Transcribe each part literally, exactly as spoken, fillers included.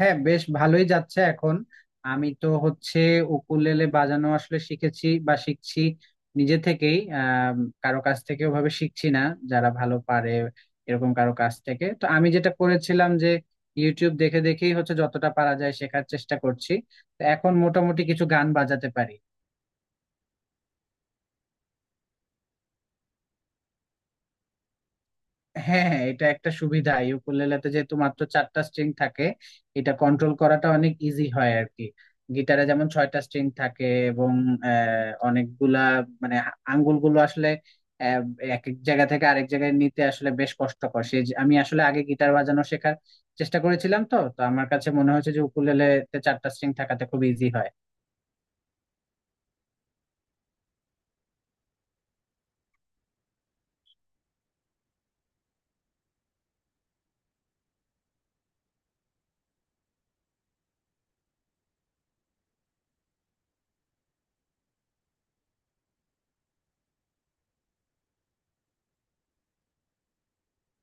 হ্যাঁ, বেশ ভালোই যাচ্ছে এখন। আমি তো হচ্ছে উকুলেলে বাজানো আসলে শিখেছি বা শিখছি নিজে থেকেই, আহ কারো কাছ থেকে ওভাবে শিখছি না। যারা ভালো পারে এরকম কারো কাছ থেকে, তো আমি যেটা করেছিলাম যে ইউটিউব দেখে দেখেই হচ্ছে যতটা পারা যায় শেখার চেষ্টা করছি। তো এখন মোটামুটি কিছু গান বাজাতে পারি। হ্যাঁ হ্যাঁ, এটা একটা সুবিধা ইউকুলেলেতে যেহেতু মাত্র চারটা স্ট্রিং থাকে, এটা কন্ট্রোল করাটা অনেক ইজি হয় আর কি। গিটারে যেমন ছয়টা স্ট্রিং থাকে এবং আহ, অনেকগুলা, মানে হা- আঙ্গুলগুলো আসলে আহ, এক এক জায়গা থেকে আরেক জায়গায় নিতে আসলে বেশ কষ্টকর। সেই যে- আমি আসলে আগে গিটার বাজানো শেখার চেষ্টা করেছিলাম, তো তো আমার কাছে মনে হয়েছে যে উকুলেলেতে চারটা স্ট্রিং থাকাতে খুব ইজি হয়।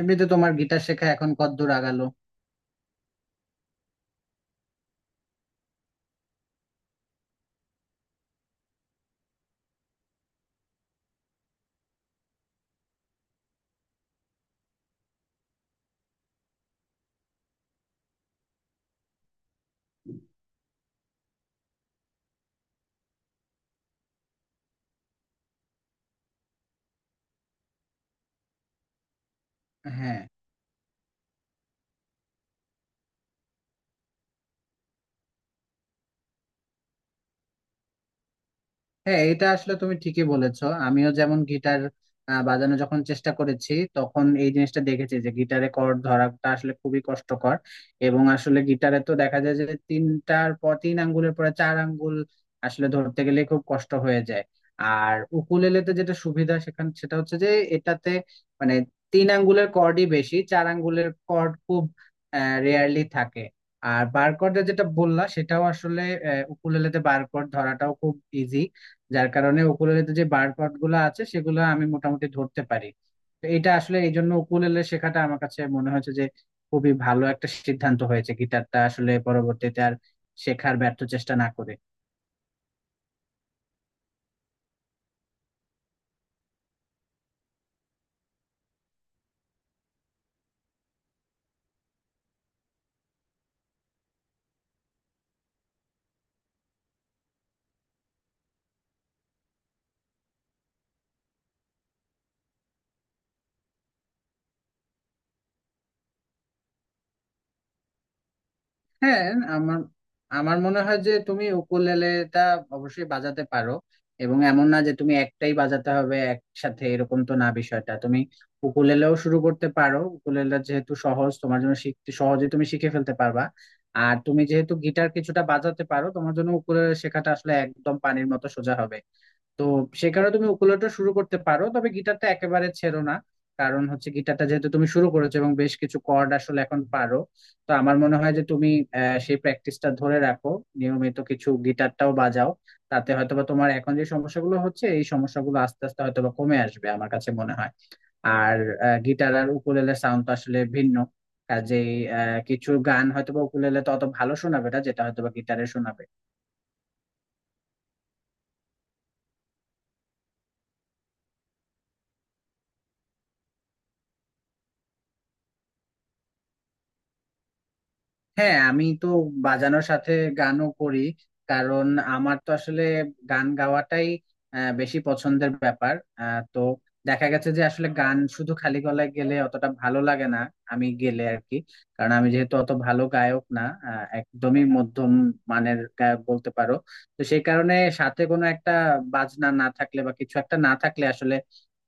এমনিতে তোমার গিটার শেখা এখন কতদূর আগালো? হ্যাঁ হ্যাঁ, এটা আসলে তুমি ঠিকই বলেছো। আমিও যেমন গিটার আহ, বাজানো যখন চেষ্টা করেছি তখন এই জিনিসটা দেখেছি যে গিটারে কর্ড ধরাটা আসলে খুবই কষ্টকর, এবং আসলে গিটারে তো দেখা যায় যে তিনটার পর, তিন আঙ্গুলের পরে চার আঙ্গুল আসলে ধরতে গেলে খুব কষ্ট হয়ে যায়। আর উকুলেলেতে যেটা সুবিধা সেখান সেটা হচ্ছে যে এটাতে মানে তিন আঙ্গুলের কর্ডই বেশি, চার আঙ্গুলের কর্ড খুব রেয়ারলি থাকে। আর বারকোডে যেটা বললা সেটাও আসলে আহ, উকুলেলেতে বারকোড ধরাটাও খুব ইজি, যার কারণে উকুলেলেতে যে বার্ড পার্ট গুলো আছে সেগুলো আমি মোটামুটি ধরতে পারি। তো এটা আসলে এই জন্য উকুলেলে শেখাটা আমার কাছে মনে হয়েছে যে খুবই ভালো একটা সিদ্ধান্ত হয়েছে, গিটারটা আসলে পরবর্তীতে আর শেখার ব্যর্থ চেষ্টা না করে। হ্যাঁ, আমার আমার মনে হয় যে তুমি উকুলেলেটা অবশ্যই বাজাতে পারো, এবং এমন না যে তুমি একটাই বাজাতে হবে, একসাথে এরকম তো না বিষয়টা। তুমি উকুলেলেও শুরু করতে পারো, উকুলেলে যেহেতু সহজ তোমার জন্য শিখতে, সহজে তুমি শিখে ফেলতে পারবা। আর তুমি যেহেতু গিটার কিছুটা বাজাতে পারো তোমার জন্য উকুলেলে শেখাটা আসলে একদম পানির মতো সোজা হবে। তো সে কারণে তুমি উকুলেলেটা শুরু করতে পারো, তবে গিটারটা একেবারে ছেড়ো না। কারণ হচ্ছে গিটারটা যেহেতু তুমি শুরু করেছো এবং বেশ কিছু কর্ড আসলে এখন পারো। তো আমার মনে হয় যে তুমি আহ, সেই প্র্যাকটিসটা ধরে রাখো, নিয়মিত কিছু গিটারটাও বাজাও। তাতে হয়তোবা তোমার এখন যে সমস্যাগুলো হচ্ছে এই সমস্যাগুলো আস্তে আস্তে হয়তোবা কমে আসবে আমার কাছে মনে হয়। আর গিটার আর উকুলেলের সাউন্ড তো আসলে ভিন্ন, কাজেই আহ, কিছু গান হয়তোবা উকুলেলে তো অত ভালো শোনাবে না যেটা হয়তোবা গিটারে শোনাবে। হ্যাঁ, আমি তো বাজানোর সাথে গানও করি, কারণ আমার তো আসলে গান গাওয়াটাই আহ, বেশি পছন্দের ব্যাপার। আহ, তো দেখা গেছে যে আসলে গান শুধু খালি গলায় গেলে অতটা ভালো লাগে না, আমি গেলে আর কি। কারণ আমি যেহেতু অত ভালো গায়ক না, আহ, একদমই মধ্যম মানের গায়ক বলতে পারো। তো সেই কারণে সাথে কোনো একটা বাজনা না থাকলে বা কিছু একটা না থাকলে আসলে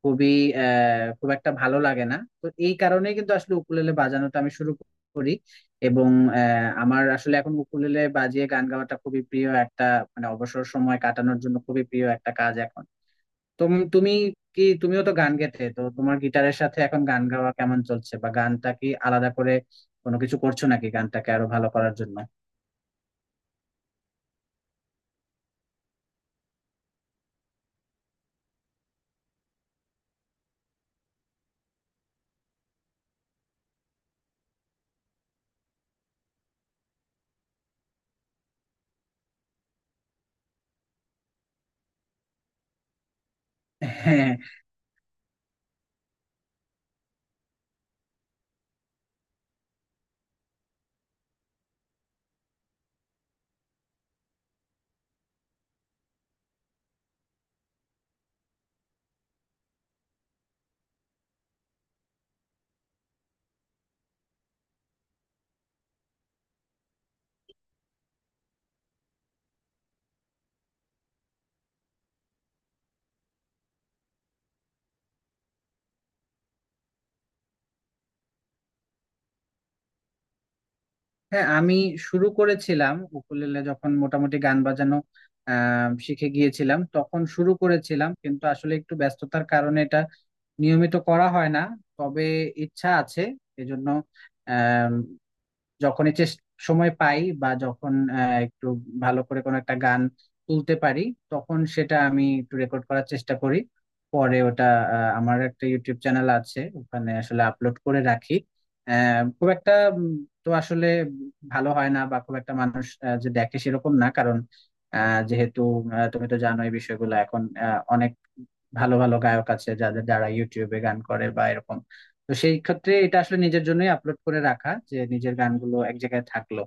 খুবই আহ খুব একটা ভালো লাগে না। তো এই কারণেই কিন্তু আসলে উকুলেলে বাজানোটা আমি শুরু করি, এবং আহ, আমার আসলে এখন উকুলেলে বাজিয়ে গান গাওয়াটা খুবই প্রিয় একটা, মানে অবসর সময় কাটানোর জন্য খুবই প্রিয় একটা কাজ এখন। তো তুমি কি, তুমিও তো গান গেতে, তো তোমার গিটারের সাথে এখন গান গাওয়া কেমন চলছে, বা গানটা কি আলাদা করে কোনো কিছু করছো নাকি গানটাকে আরো ভালো করার জন্য? হ্যাঁ হ্যাঁ, আমি শুরু করেছিলাম উকুলেলে যখন মোটামুটি গান বাজানো আহ শিখে গিয়েছিলাম তখন শুরু করেছিলাম, কিন্তু আসলে একটু ব্যস্ততার কারণে এটা নিয়মিত করা হয় না। তবে ইচ্ছা আছে। এজন্য আম, যখনই চেষ্টা সময় পাই বা যখন আহ, একটু ভালো করে কোনো একটা গান তুলতে পারি তখন সেটা আমি একটু রেকর্ড করার চেষ্টা করি। পরে ওটা আহ, আমার একটা ইউটিউব চ্যানেল আছে ওখানে আসলে আপলোড করে রাখি। আহ, খুব একটা উম, তো আসলে ভালো হয় না, বা খুব একটা মানুষ আহ, যে দেখে সেরকম না, কারণ আহ, যেহেতু আহ, তুমি তো জানো এই বিষয়গুলো এখন আহ, অনেক ভালো ভালো গায়ক আছে যাদের, যারা ইউটিউবে গান করে বা এরকম। তো সেই ক্ষেত্রে এটা আসলে নিজের জন্যই আপলোড করে রাখা, যে নিজের গানগুলো এক জায়গায় থাকলো।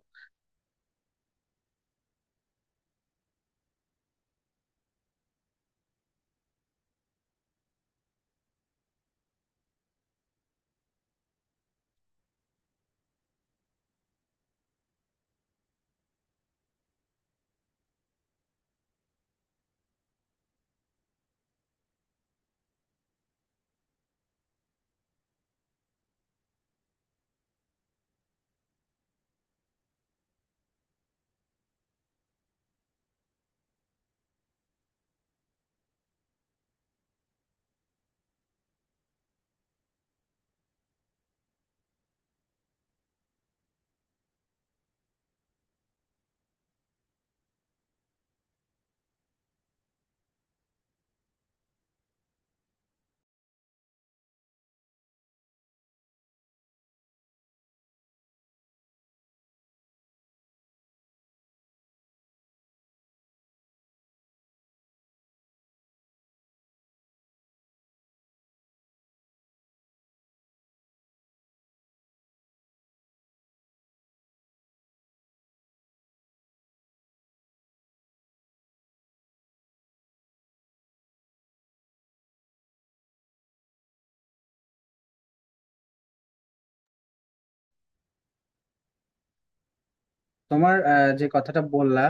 তোমার আহ, যে কথাটা বললা,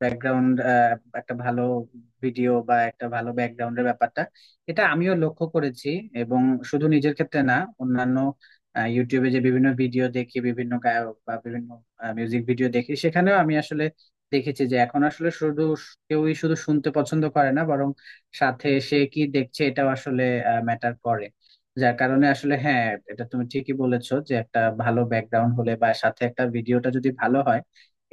ব্যাকগ্রাউন্ড, একটা ভালো ভিডিও বা একটা ভালো ব্যাকগ্রাউন্ডের ব্যাপারটা, এটা আমিও লক্ষ্য করেছি। এবং শুধু নিজের ক্ষেত্রে না, অন্যান্য আহ, ইউটিউবে যে বিভিন্ন ভিডিও দেখি, বিভিন্ন গায়ক বা বিভিন্ন মিউজিক ভিডিও দেখি, সেখানেও আমি আসলে দেখেছি যে এখন আসলে শুধু স- কেউই শুধু শুনতে পছন্দ করে না, বরং সাথে সে কি দেখছে এটাও আসলে ম্যাটার করে। যার কারণে আসলে হ্যাঁ, এটা তুমি ঠিকই বলেছো যে একটা ভালো ব্যাকগ্রাউন্ড হলে বা সাথে একটা ভিডিওটা যদি ভালো হয়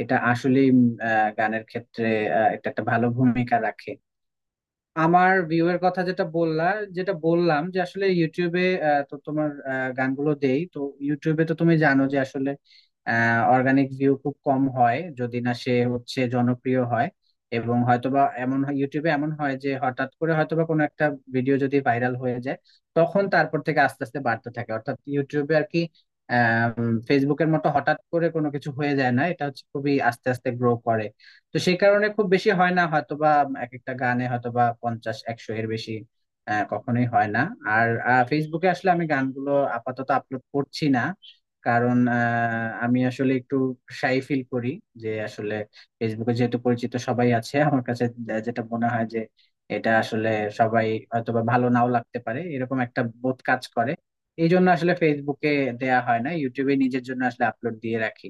এটা আসলেই উম, আহ, গানের ক্ষেত্রে আহ, এটা একটা ভালো ভূমিকা রাখে। আমার ভিউ এর কথা যেটা বললা, যেটা বললাম যে আসলে ইউটিউবে আহ, তো তোমার আহ, গানগুলো দেই তো ইউটিউবে, তো তুমি জানো যে আসলে অর্গানিক ভিউ খুব কম হয় যদি না সে হচ্ছে জনপ্রিয় হয়। এবং হয়তোবা এমন হয় ইউটিউবে, এমন হয় যে হঠাৎ করে হয়তোবা কোনো একটা ভিডিও যদি ভাইরাল হয়ে যায় তখন তারপর থেকে আস্তে আস্তে বাড়তে থাকে, অর্থাৎ ইউটিউবে আর কি আহ ফেসবুকের মতো হঠাৎ করে কোনো কিছু হয়ে যায় না, এটা হচ্ছে খুবই আস্তে আস্তে গ্রো করে। তো সেই কারণে খুব বেশি হয় না হয়তোবা, এক একটা গানে হয়তোবা পঞ্চাশ একশো এর বেশি আহ, কখনোই হয় না। আর আহ, ফেসবুকে আসলে আমি গানগুলো আপাতত আপলোড করছি না, কারণ আহ, আমি আসলে একটু শাই ফিল করি। যে আসলে ফেসবুকে যেহেতু পরিচিত সবাই আছে, আমার কাছে যে- যেটা মনে হয় যে এটা আসলে সবাই হয়তোবা ভালো নাও লাগতে পারে, এরকম একটা বোধ কাজ করে। এই জন্য আসলে ফেসবুকে দেয়া হয় না, ইউটিউবে নিজের জন্য আসলে আপলোড দিয়ে রাখি।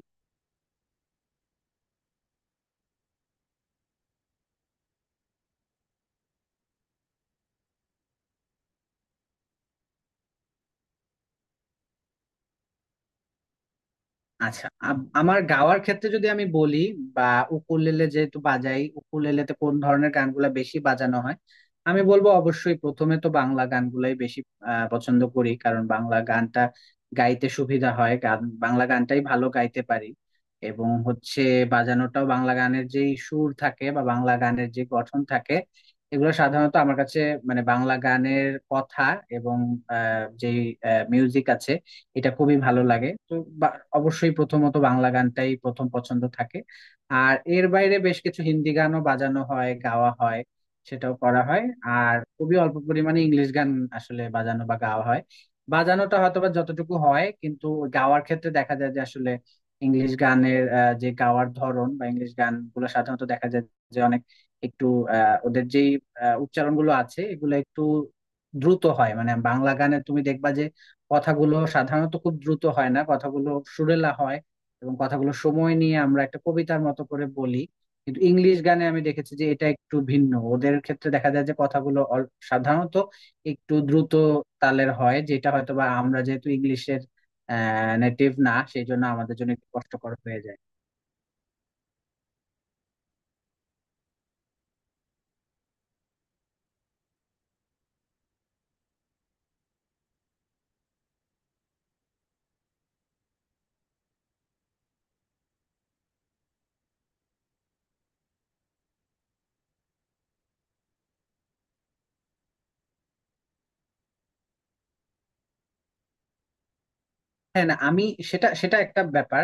আচ্ছা, আম- আমার গাওয়ার ক্ষেত্রে যদি আমি বলি, বা উকুলেলে যেহেতু বাজাই উকুলেলেতে কোন ধরনের গানগুলা বেশি বাজানো হয়, আমি বলবো অবশ্যই প্রথমে তো বাংলা গানগুলাই বেশি আহ, পছন্দ করি। কারণ বাংলা গানটা গাইতে সুবিধা হয়, গান বাংলা গানটাই ভালো গাইতে পারি। এবং হচ্ছে বাজানোটাও বাংলা গানের যেই সুর থাকে, বা বাংলা গানের যে গঠন থাকে, এগুলো সাধারণত আমার কাছে, মানে বাংলা গানের কথা এবং যে মিউজিক আছে এটা খুবই ভালো লাগে। তো বা- অবশ্যই প্রথমত বাংলা গানটাই প্রথম পছন্দ থাকে। আর এর বাইরে বেশ কিছু হিন্দি গানও বাজানো হয়, গাওয়া হয়, সেটাও করা হয়। আর খুবই অল্প পরিমাণে ইংলিশ গান আসলে বাজানো বা গাওয়া হয়। বাজানোটা হয়তো বা যতটুকু হয়, কিন্তু গাওয়ার ক্ষেত্রে দেখা যায় যে আসলে ইংলিশ গানের আহ, যে গাওয়ার ধরন, বা ইংলিশ গানগুলো সাধারণত দেখা যায় যে অনেক একটু আহ, ওদের যেই আহ, উচ্চারণগুলো আছে এগুলো একটু দ্রুত হয়। মানে বাংলা গানে তুমি দেখবা যে কথাগুলো সাধারণত খুব দ্রুত হয় না, কথাগুলো সুরেলা হয়, এবং কথাগুলো সময় নিয়ে আমরা একটা কবিতার মতো করে বলি। কিন্তু ইংলিশ গানে আমি দেখেছি যে এটা একটু ভিন্ন, ওদের ক্ষেত্রে দেখা যায় যে কথাগুলো অল- সাধারণত একটু দ্রুত তালের হয়, যেটা হয়তো বা আমরা যেহেতু ইংলিশের আহ নেটিভ না সেই জন্য আমাদের জন্য একটু কষ্টকর হয়ে যায়। হ্যাঁ না, আমি সেটা সেটা একটা ব্যাপার,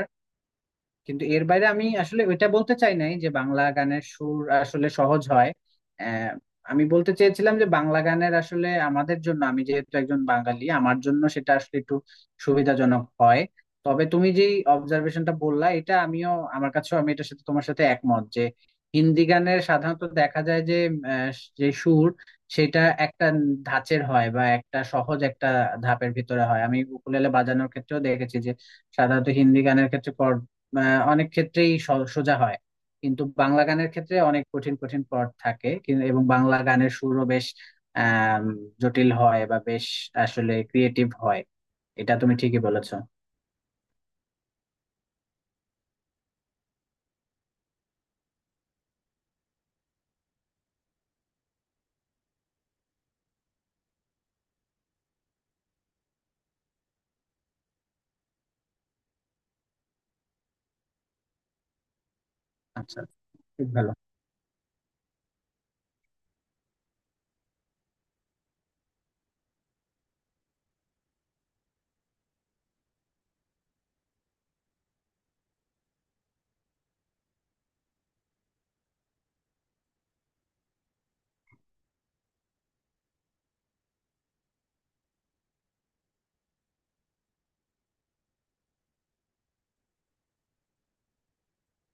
কিন্তু এর বাইরে আমি আসলে ওইটা বলতে চাই নাই যে বাংলা গানের সুর আসলে সহজ হয়। আহ, আমি বলতে চেয়েছিলাম যে বাংলা গানের আসলে আমাদের জন্য, আমি যেহেতু একজন বাঙালি আমার জন্য সেটা আসলে একটু সুবিধাজনক হয়। তবে তুমি যে অবজারভেশনটা বললা এটা আমিও, আমার কাছেও আমি এটার সাথে, তোমার সাথে একমত যে হিন্দি গানের সাধারণত দেখা যায় যে আহ, যে সুর সেটা একটা ধাঁচের হয়, বা একটা সহজ একটা ধাপের ভিতরে হয়। আমি উকুলেলে বাজানোর ক্ষেত্রেও দেখেছি যে সাধারণত হিন্দি গানের ক্ষেত্রে আহ, অনেক ক্ষেত্রেই স- সোজা হয়। কিন্তু বাংলা গানের ক্ষেত্রে অনেক কঠিন কঠিন পদ থাকে কিন্তু, এবং বাংলা গানের সুরও বেশ আম, জটিল হয়, বা বেশ আসলে ক্রিয়েটিভ হয়। এটা তুমি ঠিকই বলেছো। আচ্ছা, খুব ভালো।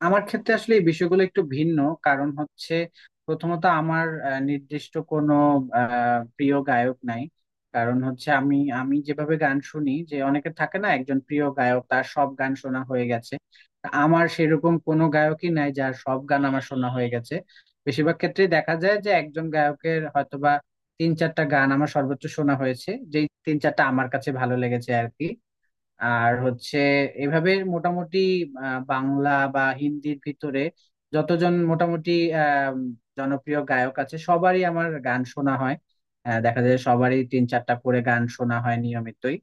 আমার ক্ষেত্রে আসলে এই বিষয়গুলো একটু ভিন্ন, কারণ হচ্ছে প্রথমত আমার আহ, নির্দিষ্ট কোনো আহ, প্রিয় গায়ক নাই। কারণ হচ্ছে আমি আমি যেভাবে গান শুনি, যে অনেকে থাকে না একজন প্রিয় গায়ক তার সব গান শোনা হয়ে গেছে, তা আমার সেরকম কোনো গায়কই নাই যার সব গান আমার শোনা হয়ে গেছে। বেশিরভাগ ক্ষেত্রে দেখা যায় যে একজন গায়কের হয়তোবা তিন চারটা গান আমার সর্বোচ্চ শোনা হয়েছে, যেই তিন চারটা আমার কাছে ভালো লেগেছে আর কি। আর হচ্ছে এভাবে মোটামুটি আহ, বাংলা বা হিন্দির ভিতরে যতজন মোটামুটি আহ, জনপ্রিয় গায়ক আছে সবারই আমার গান শোনা হয়। আহ, দেখা যায় সবারই তিন চারটা করে গান শোনা হয় নিয়মিতই।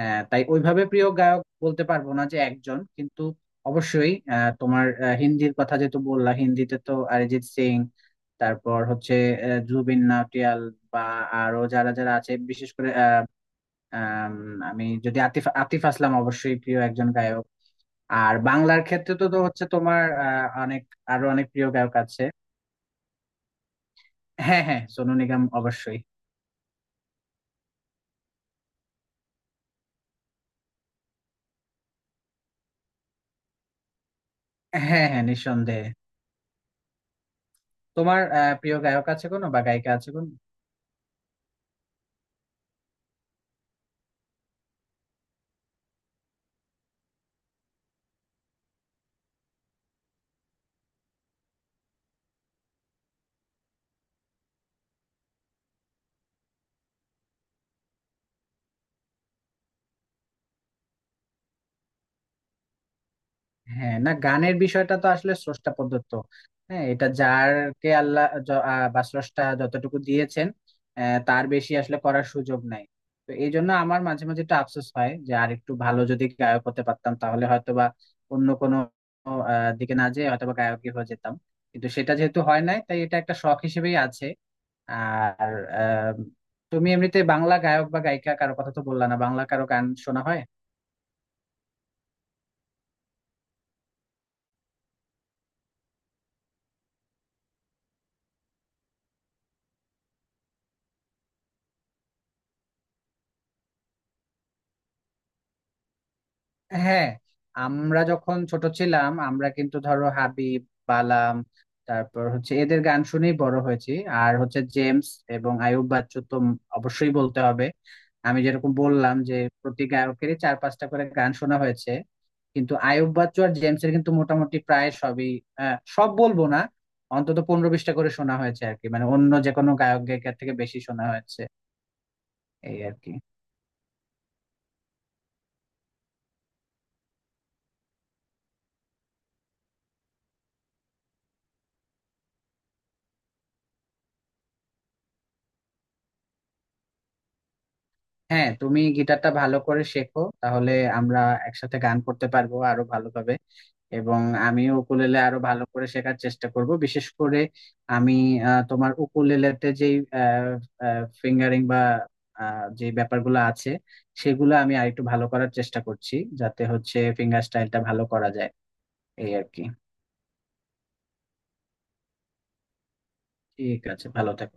আহ, তাই ওইভাবে প্রিয় গায়ক বলতে পারবো না যে একজন, কিন্তু অবশ্যই আহ, তোমার আহ, হিন্দির কথা যেহেতু বললা, হিন্দিতে তো অরিজিৎ সিং, তারপর হচ্ছে আহ, জুবিন নটিয়াল, বা আরো যারা যারা আছে বিশেষ করে আম, আমি যদি আতিফ আতিফ আসলাম অবশ্যই প্রিয় একজন গায়ক। আর বাংলার ক্ষেত্রে তো তো হচ্ছে তোমার আহ, অনেক আরো অনেক প্রিয় গায়ক আছে। হ্যাঁ হ্যাঁ, সোনু নিগম অবশ্যই। হ্যাঁ হ্যাঁ, নিঃসন্দেহে। তোমার আহ, প্রিয় গায়ক আছে কোনো, বা গায়িকা আছে কোনো? হ্যাঁ না, গানের বিষয়টা তো আসলে স্রষ্টা প্রদত্ত। হ্যাঁ, এটা যারকে আল্লাহ য- আহ, বা স্রষ্টা যতটুকু দিয়েছেন আহ, তার বেশি আসলে করার সুযোগ নাই। তো এই জন্য আমার মাঝে মাঝে একটু আফসোস হয় যে আর একটু ভালো যদি গায়ক হতে পারতাম তাহলে হয়তো বা অন্য কোনো আহ, দিকে না যেয়ে হয়তো বা গায়কই হয়ে যেতাম। কিন্তু সেটা যেহেতু হয় নাই তাই এটা একটা শখ হিসেবেই আছে। আর আহ, তুমি এমনিতে বাংলা গায়ক বা গায়িকা কারো কথা তো বললা না, বাংলা কারো গান শোনা হয়? হ্যাঁ, আমরা যখন ছোট ছিলাম আমরা কিন্তু ধরো হাবিব, বালাম, তারপর হচ্ছে এদের গান শুনেই বড় হয়েছি। আর হচ্ছে জেমস এবং আয়ুব বাচ্চু তো অবশ্যই বলতে হবে। আমি যেরকম বললাম যে প্রতি গায়কেরই চার পাঁচটা করে গান শোনা হয়েছে, কিন্তু আয়ুব বাচ্চু আর জেমসের কিন্তু মোটামুটি প্রায় সবই, আহ, সব বলবো না, অন্তত পনেরো বিশটা করে শোনা হয়েছে আর কি, মানে অন্য যে কোনো গায়ক গায়িকার থেকে বেশি শোনা হয়েছে এই আর কি। হ্যাঁ, তুমি গিটারটা ভালো করে শেখো, তাহলে আমরা একসাথে গান করতে পারবো আরো ভালোভাবে। এবং আমিও উকুলেলে আরো ভালো করে শেখার চেষ্টা করব, বিশেষ করে আমি আহ, তোমার উকুলেলেতে যে ফিঙ্গারিং বা আহ, যে ব্যাপারগুলো আছে সেগুলো আমি আরেকটু ভালো করার চেষ্টা করছি, যাতে হচ্ছে ফিঙ্গার স্টাইলটা ভালো করা যায় এই আর কি। ঠিক আছে, ভালো থেকো।